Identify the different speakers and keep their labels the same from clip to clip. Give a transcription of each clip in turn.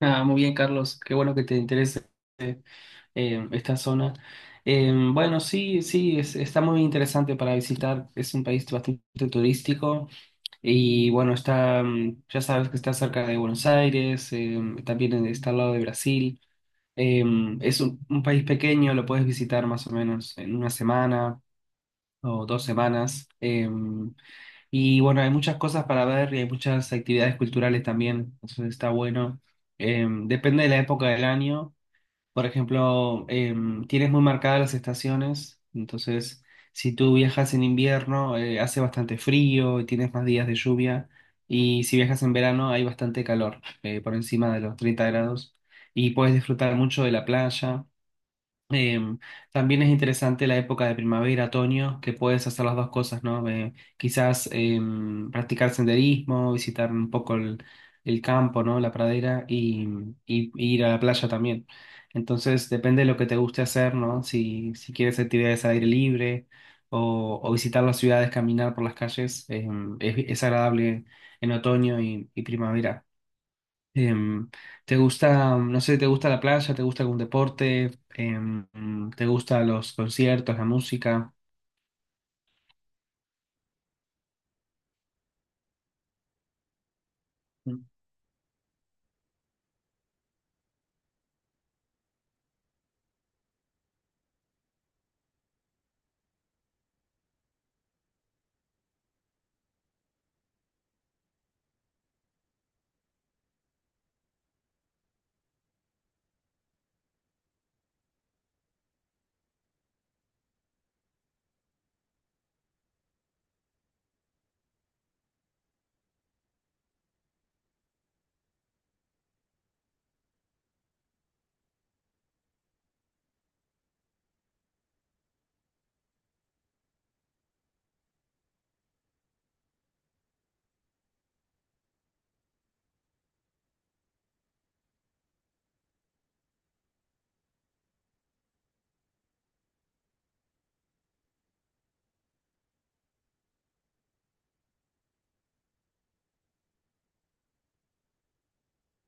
Speaker 1: Ah, muy bien, Carlos. Qué bueno que te interese esta zona. Bueno, sí, sí, está muy interesante para visitar. Es un país bastante turístico y bueno, está, ya sabes que está cerca de Buenos Aires, también está al lado de Brasil. Eh, es un país pequeño, lo puedes visitar más o menos en una semana o dos semanas. Y bueno, hay muchas cosas para ver y hay muchas actividades culturales también, entonces está bueno. Depende de la época del año. Por ejemplo, tienes muy marcadas las estaciones, entonces si tú viajas en invierno, hace bastante frío y tienes más días de lluvia. Y si viajas en verano, hay bastante calor, por encima de los 30 grados. Y puedes disfrutar mucho de la playa. Em, También es interesante la época de primavera, otoño, que puedes hacer las dos cosas, ¿no? Quizás practicar senderismo, visitar un poco el campo, ¿no? La pradera y ir a la playa también. Entonces, depende de lo que te guste hacer, ¿no? Si, si quieres actividades al aire libre o visitar las ciudades, caminar por las calles, es agradable en otoño y primavera. Em, ¿Te gusta, no sé, te gusta la playa, te gusta algún deporte, te gusta los conciertos, la música?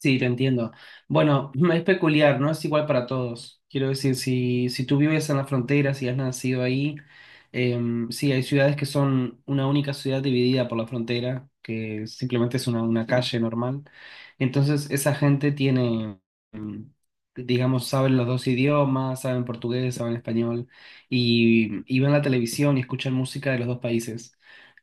Speaker 1: Sí, te entiendo. Bueno, es peculiar, no es igual para todos. Quiero decir, si, si tú vives en la frontera, si has nacido ahí, sí, hay ciudades que son una única ciudad dividida por la frontera, que simplemente es una calle normal. Entonces, esa gente tiene, em, digamos, saben los dos idiomas, saben portugués, saben español, y ven la televisión y escuchan música de los dos países.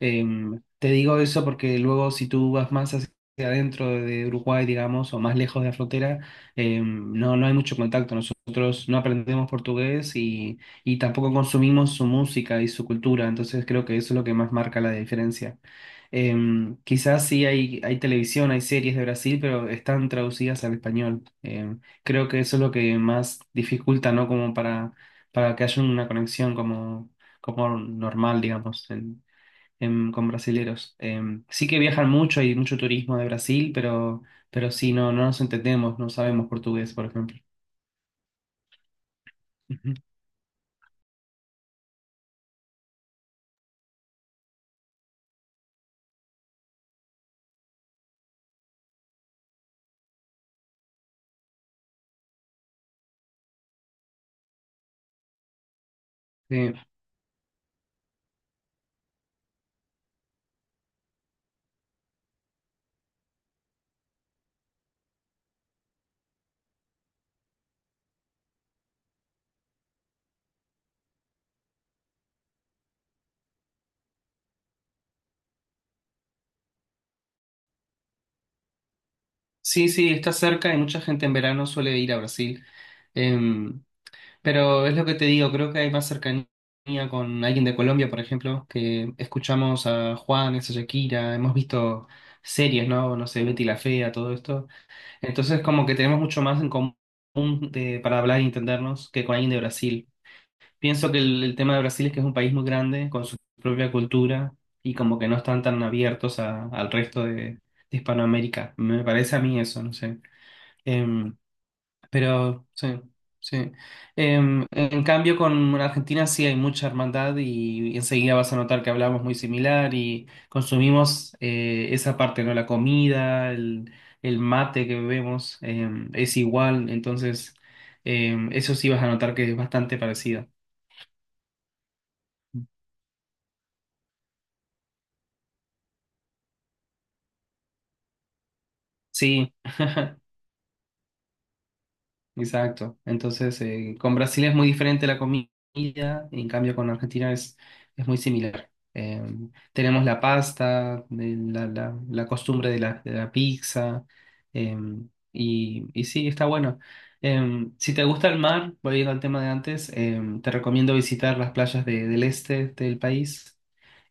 Speaker 1: Te digo eso porque luego si tú vas más sea dentro de Uruguay, digamos, o más lejos de la frontera, no, no hay mucho contacto. Nosotros no aprendemos portugués y tampoco consumimos su música y su cultura, entonces creo que eso es lo que más marca la diferencia. Quizás sí hay televisión, hay series de Brasil, pero están traducidas al español. Creo que eso es lo que más dificulta, ¿no? Como para que haya una conexión como, como normal, digamos con brasileros. Sí que viajan mucho, hay mucho turismo de Brasil, pero sí, no, no nos entendemos, no sabemos portugués, por ejemplo. Ujú. Eh, sí, sí, está cerca y mucha gente en verano suele ir a Brasil. Em, pero es lo que te digo, creo que hay más cercanía con alguien de Colombia, por ejemplo, que escuchamos a Juan, a Shakira, hemos visto series, ¿no? No sé, Betty la Fea, todo esto. Entonces, como que tenemos mucho más en común para hablar y entendernos que con alguien de Brasil. Pienso que el tema de Brasil es que es un país muy grande, con su propia cultura, y como que no están tan abiertos al resto de Hispanoamérica. Me parece a mí eso, no sé. Em, pero sí, sí. En cambio, con Argentina sí hay mucha hermandad y, enseguida vas a notar que hablamos muy similar y consumimos esa parte, ¿no? La comida, el mate que bebemos, es igual, entonces eso sí vas a notar que es bastante parecido. Sí, exacto. Entonces, con Brasil es muy diferente la comida, en cambio con Argentina es muy similar. Tenemos la pasta, de la costumbre de la pizza, eh, y sí, está bueno. Si te gusta el mar, volviendo al tema de antes, te recomiendo visitar las playas del este del país.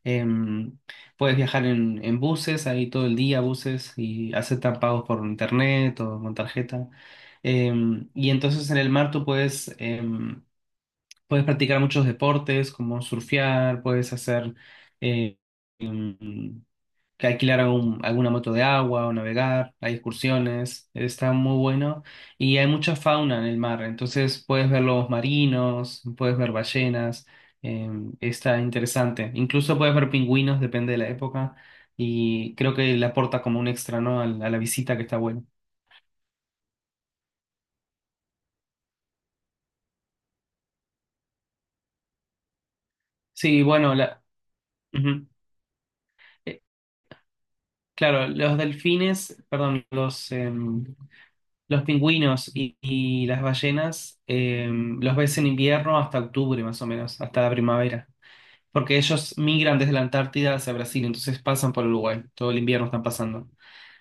Speaker 1: Em, Puedes viajar en buses, ahí todo el día buses y aceptan pagos por internet o con tarjeta. Y entonces en el mar tú puedes, puedes practicar muchos deportes como surfear, puedes hacer... eh, em, que alquilar alguna moto de agua o navegar, hay excursiones, está muy bueno y hay mucha fauna en el mar, entonces puedes ver lobos marinos, puedes ver ballenas, eh, está interesante, incluso puedes ver pingüinos, depende de la época y creo que le aporta como un extra, ¿no? A la visita que está bueno. Sí, bueno, la... ujú. Eh, Claro, los delfines, perdón, los, los pingüinos y las ballenas los ves en invierno hasta octubre más o menos, hasta la primavera, porque ellos migran desde la Antártida hacia Brasil, entonces pasan por Uruguay, todo el invierno están pasando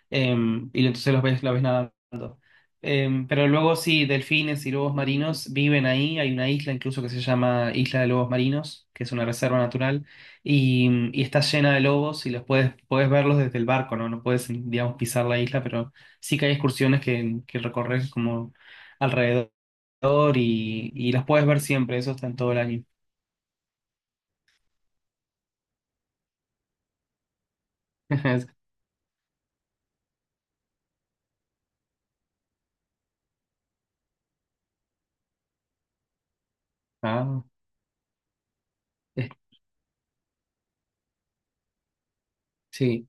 Speaker 1: y entonces los ves, la ves nadando. Pero luego sí, delfines y lobos marinos viven ahí, hay una isla incluso que se llama Isla de Lobos Marinos, que es una reserva natural, y, y está llena de lobos y los puedes, puedes verlos desde el barco, ¿no? No puedes, digamos, pisar la isla, pero sí que hay excursiones que recorres como alrededor y las puedes ver siempre, eso está en todo el año. Ah, eh, sí,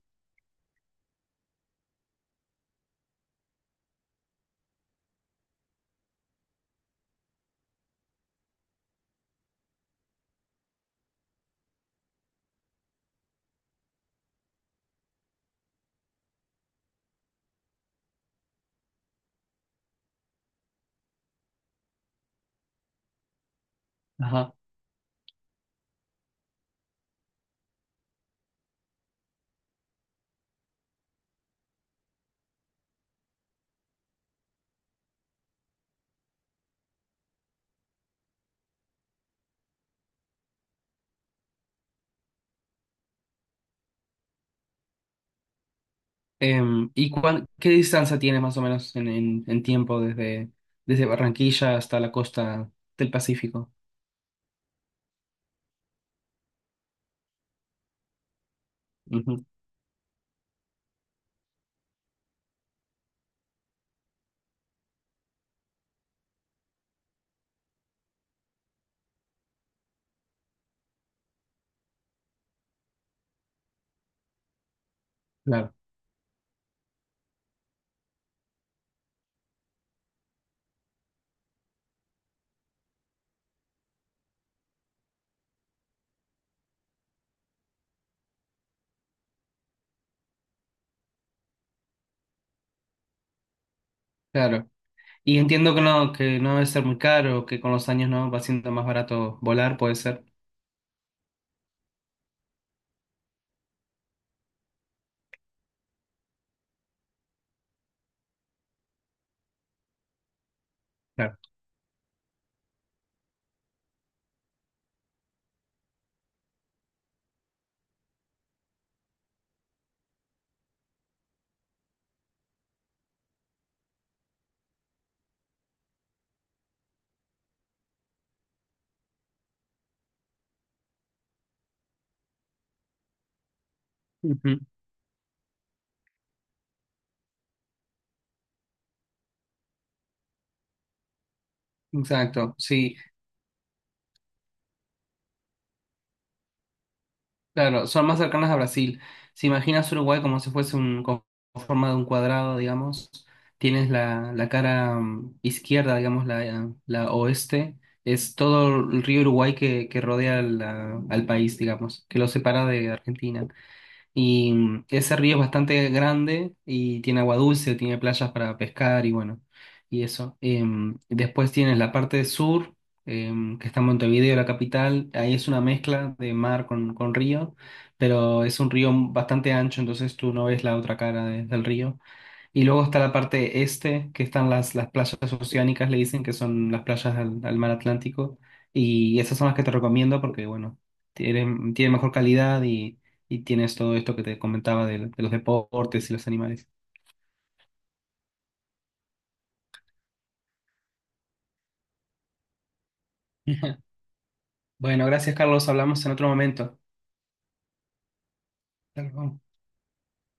Speaker 1: ajá. ¿Y qué distancia tiene más o menos en, en tiempo desde, desde Barranquilla hasta la costa del Pacífico? Ujú. Claro, claro. Y entiendo que no debe ser muy caro, que con los años no va siendo más barato volar, puede ser. Claro. Ujú. Exacto, sí. Claro, son más cercanas a Brasil. Si imaginas Uruguay como si fuese un, con forma de un cuadrado, digamos, tienes la, la cara izquierda, digamos, la oeste, es todo el río Uruguay que rodea al país, digamos, que lo separa de Argentina. Y ese río es bastante grande y tiene agua dulce, tiene playas para pescar y bueno, y eso. Después tienes la parte sur, que está en Montevideo, la capital. Ahí es una mezcla de mar con río, pero es un río bastante ancho, entonces tú no ves la otra cara del río. Y luego está la parte este, que están las playas oceánicas, le dicen, que son las playas al, al mar Atlántico. Y esas son las que te recomiendo porque, bueno, tienen, tienen mejor calidad y tienes todo esto que te comentaba de los deportes y los animales. Bueno, gracias, Carlos. Hablamos en otro momento. Hasta luego.